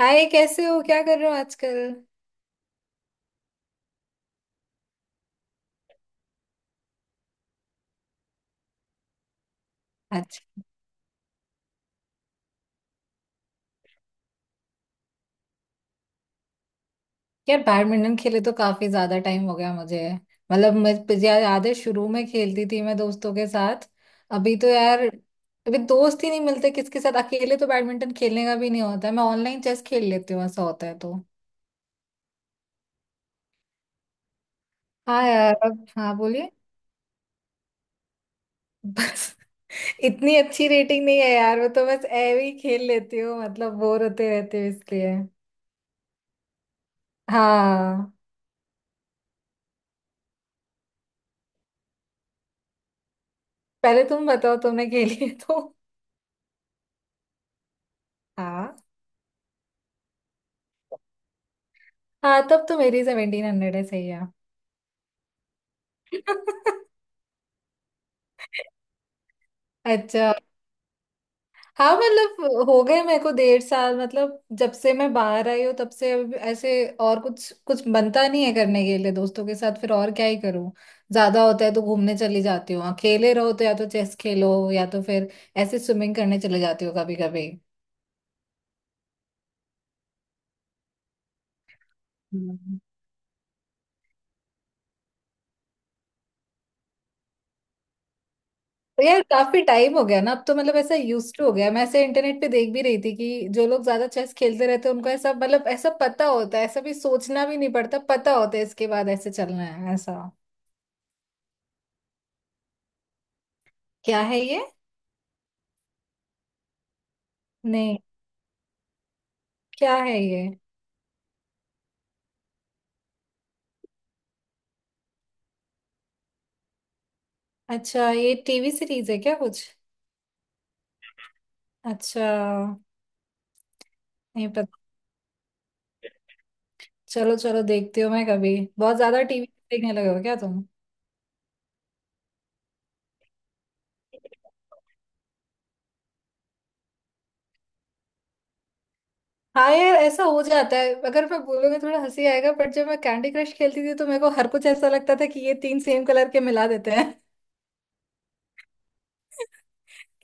हाय। कैसे हो? क्या कर रहे हो आजकल? अच्छा। यार, बैडमिंटन खेले तो काफी ज्यादा टाइम हो गया मुझे। मतलब मैं यार, याद है शुरू में खेलती थी मैं दोस्तों के साथ। अभी तो यार अभी दोस्त ही नहीं मिलते, किसके साथ? अकेले तो बैडमिंटन खेलने का भी नहीं होता है। मैं ऑनलाइन चेस खेल लेती हूँ, ऐसा होता है तो। हाँ यार, अब हाँ बोलिए। बस, इतनी अच्छी रेटिंग नहीं है यार। वो तो बस ऐवे ही खेल लेती हूँ, मतलब बोर होते रहते हो इसलिए। हाँ। पहले तुम बताओ, तुमने खेली है तो। हाँ। हाँ, तब तो मेरी 1700 है। सही है। अच्छा। हाँ, मतलब हो गए मेरे को 1.5 साल, मतलब जब से मैं बाहर आई हूँ तब से अब ऐसे। और कुछ कुछ बनता नहीं है करने के लिए दोस्तों के साथ, फिर और क्या ही करूँ। ज्यादा होता है तो घूमने चली जाती हूँ, अकेले रहो तो या तो चेस खेलो या तो फिर ऐसे स्विमिंग करने चले जाती हूँ कभी कभी। तो यार काफी टाइम हो गया ना, अब तो मतलब ऐसा यूज टू हो गया। मैं ऐसे इंटरनेट पे देख भी रही थी कि जो लोग ज्यादा चेस खेलते रहते हैं उनको ऐसा, मतलब ऐसा पता होता है, ऐसा भी सोचना भी नहीं पड़ता, पता होता है इसके बाद ऐसे चलना है ऐसा। क्या है ये? नहीं। क्या है ये? अच्छा, ये टीवी सीरीज है क्या कुछ? अच्छा। नहीं पता। चलो चलो, देखती हो मैं कभी बहुत ज्यादा टीवी। देखने लगे हो क्या तुम? हाँ यार, ऐसा हो जाता है। अगर मैं बोलूंगी थोड़ा हंसी आएगा, बट जब मैं कैंडी क्रश खेलती थी तो मेरे को हर कुछ ऐसा लगता था कि ये तीन सेम कलर के मिला देते हैं।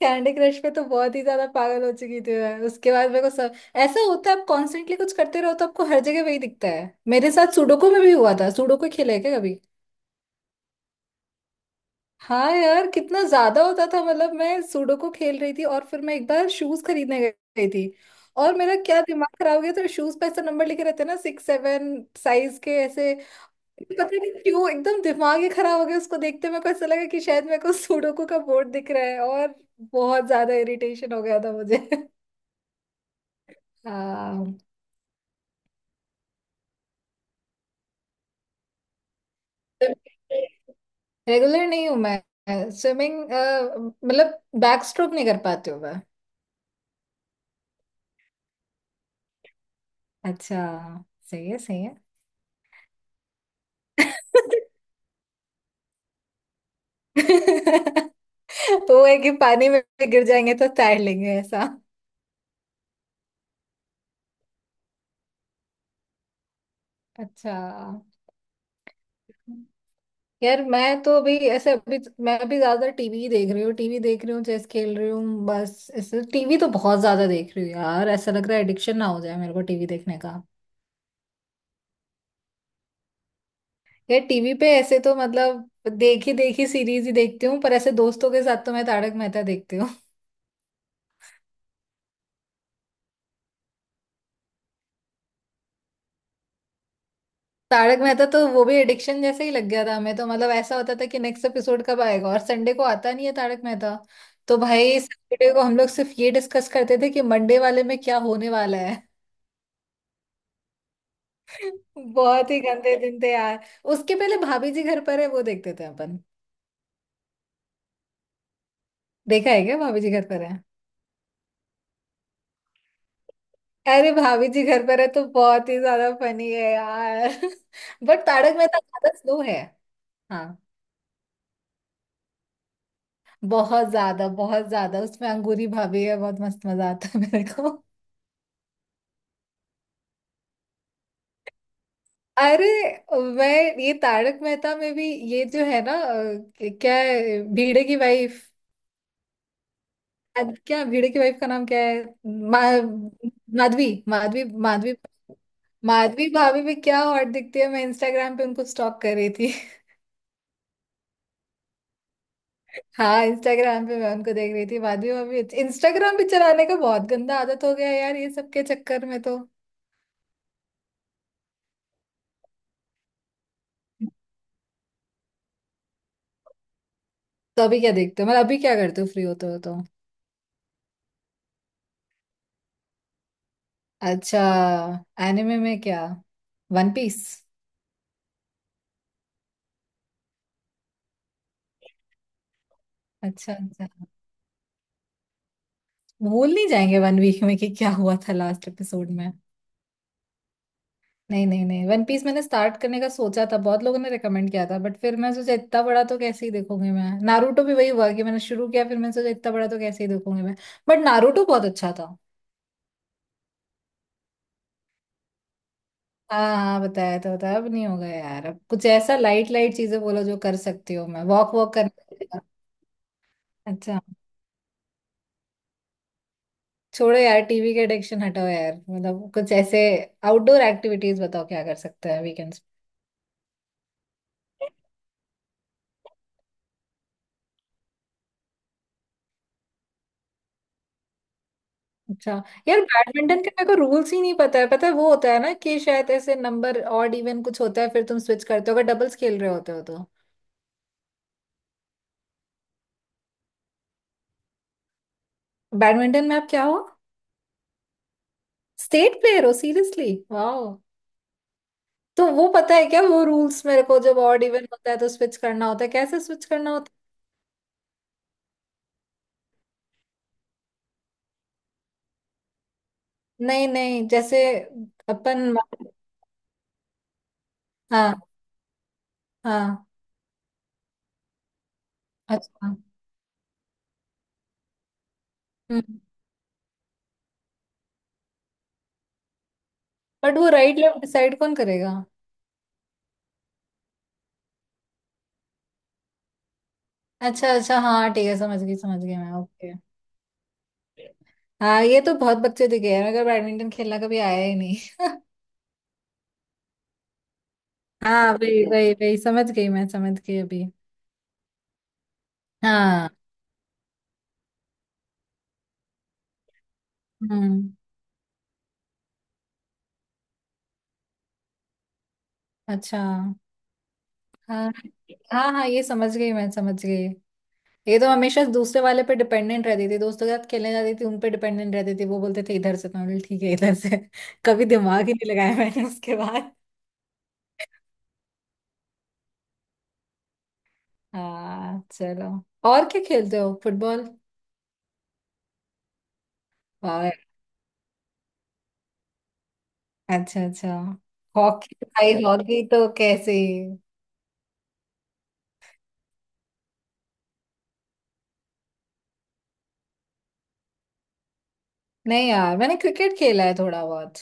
कैंडी क्रश पे तो बहुत ही ज्यादा पागल हो चुकी थी मैं। उसके बाद मेरे को सब ऐसा होता है, आप कॉन्स्टेंटली कुछ करते रहो तो आपको हर जगह वही दिखता है। मेरे साथ सुडोकू में भी हुआ था। सुडोकू खेला है क्या कभी? हाँ यार, कितना ज्यादा होता था, मतलब मैं सुडोकू खेल रही थी और फिर मैं एक बार शूज खरीदने गई थी, और मेरा क्या दिमाग खराब हो गया। तो शूज पे ऐसा नंबर लिखे रहते हैं ना, 6 7 साइज के ऐसे। पता नहीं क्यों एकदम दिमाग ही खराब हो गया। उसको देखते मेरे को ऐसा लगा कि शायद मेरे को सुडोकू का बोर्ड दिख रहा है, और बहुत ज्यादा इरिटेशन हो गया था मुझे। हाँ। रेगुलर नहीं हूँ मैं स्विमिंग। मतलब बैक स्ट्रोक नहीं कर पाती हूँ मैं। अच्छा। सही है, सही है। वो है कि पानी में गिर जाएंगे तो तैर लेंगे ऐसा। अच्छा। यार मैं तो अभी ऐसे अभी मैं अभी ज्यादा टीवी देख रही हूँ चेस खेल रही हूँ, बस ऐसे। टीवी तो बहुत ज्यादा देख रही हूँ यार, ऐसा लग रहा है एडिक्शन ना हो जाए मेरे को टीवी देखने का। यार टीवी पे ऐसे तो मतलब देखी देखी सीरीज ही देखती हूँ, पर ऐसे दोस्तों के साथ तो मैं तारक मेहता देखती हूँ। तारक मेहता तो वो भी एडिक्शन जैसे ही लग गया था हमें, तो मतलब ऐसा होता था कि नेक्स्ट एपिसोड कब आएगा, और संडे को आता नहीं है तारक मेहता। तो भाई, सैटरडे को हम लोग सिर्फ ये डिस्कस करते थे कि मंडे वाले में क्या होने वाला। बहुत ही गंदे दिन थे यार। उसके पहले भाभी जी घर पर है वो देखते थे अपन। देखा है क्या भाभी जी घर पर है? अरे, भाभी जी घर पर है तो बहुत ही ज्यादा फनी है यार। बट तारक मेहता ज्यादा स्लो है। हाँ, बहुत ज्यादा उसमें अंगूरी भाभी है, बहुत मस्त मजा आता है मेरे को। अरे मैं ये तारक मेहता में भी, ये जो है ना क्या है भिड़े की वाइफ, क्या भिड़े की वाइफ का नाम क्या है माधवी माधवी माधवी। माधवी भाभी भी क्या हॉट दिखती है, मैं इंस्टाग्राम पे उनको स्टॉक कर रही थी। हाँ, इंस्टाग्राम पे मैं उनको देख रही थी माधवी भाभी। इंस्टाग्राम पे चलाने का बहुत गंदा आदत हो गया है यार, ये सब के चक्कर में तो। तो अभी क्या देखते हो, मतलब अभी क्या करते हो फ्री होते हो तो? अच्छा। एनिमे में क्या, वन पीस? अच्छा, अच्छा। भूल नहीं जाएंगे वन वीक में कि क्या हुआ था लास्ट एपिसोड में? नहीं नहीं नहीं, वन पीस मैंने स्टार्ट करने का सोचा था, बहुत लोगों ने रेकमेंड किया था बट फिर मैं सोचा इतना बड़ा तो कैसे ही देखूंगी मैं। नारुतो भी वही हुआ कि मैंने शुरू किया, फिर मैंने सोचा इतना बड़ा तो कैसे ही देखूंगी मैं। बट नारुतो बहुत अच्छा था। हाँ हाँ, बताया तो बताया, अब नहीं होगा यार, अब कुछ ऐसा लाइट लाइट चीजें बोलो जो कर सकती हो मैं। वॉक वॉक करना। अच्छा। छोड़ो यार, टीवी के एडिक्शन हटाओ यार, मतलब कुछ ऐसे आउटडोर एक्टिविटीज बताओ, क्या कर सकते हैं वीकेंड्स? अच्छा। यार बैडमिंटन का मेरे को रूल्स ही नहीं पता है। पता है वो होता है ना कि शायद ऐसे नंबर ऑड इवन कुछ होता है, फिर तुम स्विच करते हो अगर डबल्स खेल रहे होते हो तो। बैडमिंटन में आप क्या हो? स्टेट प्लेयर हो सीरियसली? वाह। तो वो पता है क्या वो रूल्स मेरे को, जब ऑड इवन होता है तो स्विच करना होता है, कैसे स्विच करना होता है? नहीं नहीं, जैसे अपन। हाँ हाँ। अच्छा। हम्म। बट वो राइट लेफ्ट डिसाइड कौन करेगा? अच्छा अच्छा, हाँ ठीक है, समझ गई मैं। ओके। हाँ, ये तो बहुत बच्चे दिखे हैं मगर बैडमिंटन खेलना कभी आया ही नहीं। हाँ वही वही वही, समझ गई मैं, समझ गई अभी। हाँ। हम्म। अच्छा, हाँ हाँ हाँ, ये समझ गई मैं, समझ गई। ये तो हमेशा दूसरे वाले पे डिपेंडेंट रहती थी, दोस्तों के साथ खेलने जाती थी उन पे डिपेंडेंट रहती थी, वो बोलते थे इधर से तो मैं बोली, ठीक है इधर से। कभी दिमाग ही नहीं लगाया मैंने उसके बाद। हाँ चलो। और क्या खेलते हो, फुटबॉल? वाह। अच्छा अच्छा। हॉकी भाई, हॉकी तो कैसे? नहीं यार, मैंने क्रिकेट खेला है थोड़ा बहुत।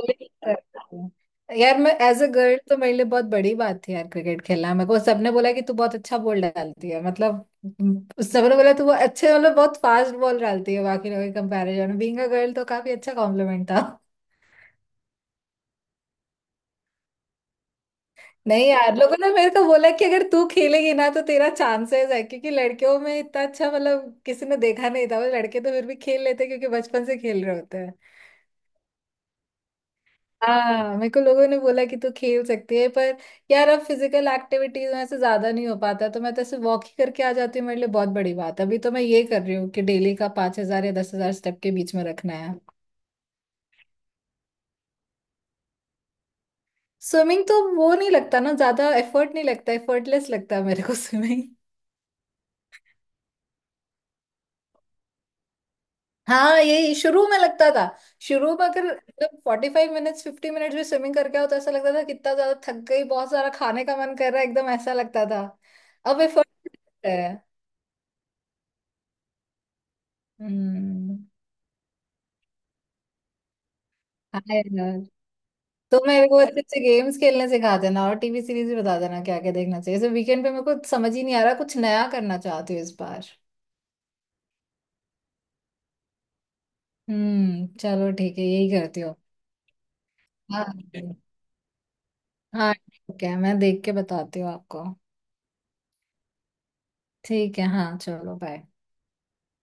Bowling करती हूँ। यार मैं एज अ गर्ल तो मेरे लिए बहुत बड़ी बात थी यार क्रिकेट खेलना। मेरे को सबने बोला कि तू बहुत अच्छा बॉल डालती है, मतलब सबने बोला तू बहुत अच्छे, मतलब बहुत फास्ट बॉल डालती है बाकी लोगों के कंपैरिजन में। बीइंग अ गर्ल तो काफी अच्छा कॉम्प्लीमेंट था। नहीं यार, लोगों ने मेरे को बोला कि अगर तू खेलेगी ना तो तेरा चांसेस है, क्योंकि लड़कियों में इतना अच्छा, मतलब किसी ने देखा नहीं था। वो लड़के तो फिर भी खेल लेते हैं क्योंकि बचपन से खेल रहे होते हैं। हाँ, मेरे को लोगों ने बोला कि तू खेल सकती है पर यार, अब फिजिकल एक्टिविटीज में से ज्यादा नहीं हो पाता, तो मैं तो ऐसे वॉक ही करके आ जाती हूँ, मेरे लिए बहुत बड़ी बात है। अभी तो मैं ये कर रही हूँ कि डेली का 5,000 या 10,000 स्टेप के बीच में रखना है। स्विमिंग तो वो नहीं लगता ना, ज्यादा एफर्ट नहीं लगता, एफर्टलेस लगता है मेरे को। स्विमिंग। हाँ, यही शुरू में लगता था। शुरू में अगर, मतलब 45 मिनट्स 50 मिनट्स में स्विमिंग करके आओ तो ऐसा लगता था कितना ज्यादा थक गई, बहुत सारा खाने का मन कर रहा है, एकदम ऐसा लगता था। अब एफर्ट है। हम्म। हाँ यार, तो मेरे को अच्छे अच्छे गेम्स खेलने सिखा देना, और टीवी सीरीज भी बता देना क्या क्या देखना चाहिए। जैसे वीकेंड पे मेरे को समझ ही नहीं आ रहा, कुछ नया करना चाहती हूँ इस बार। हम्म, चलो ठीक है, यही करती हूँ। हाँ हाँ, ठीक है, मैं देख के बताती हूँ आपको। ठीक है, हाँ चलो बाय।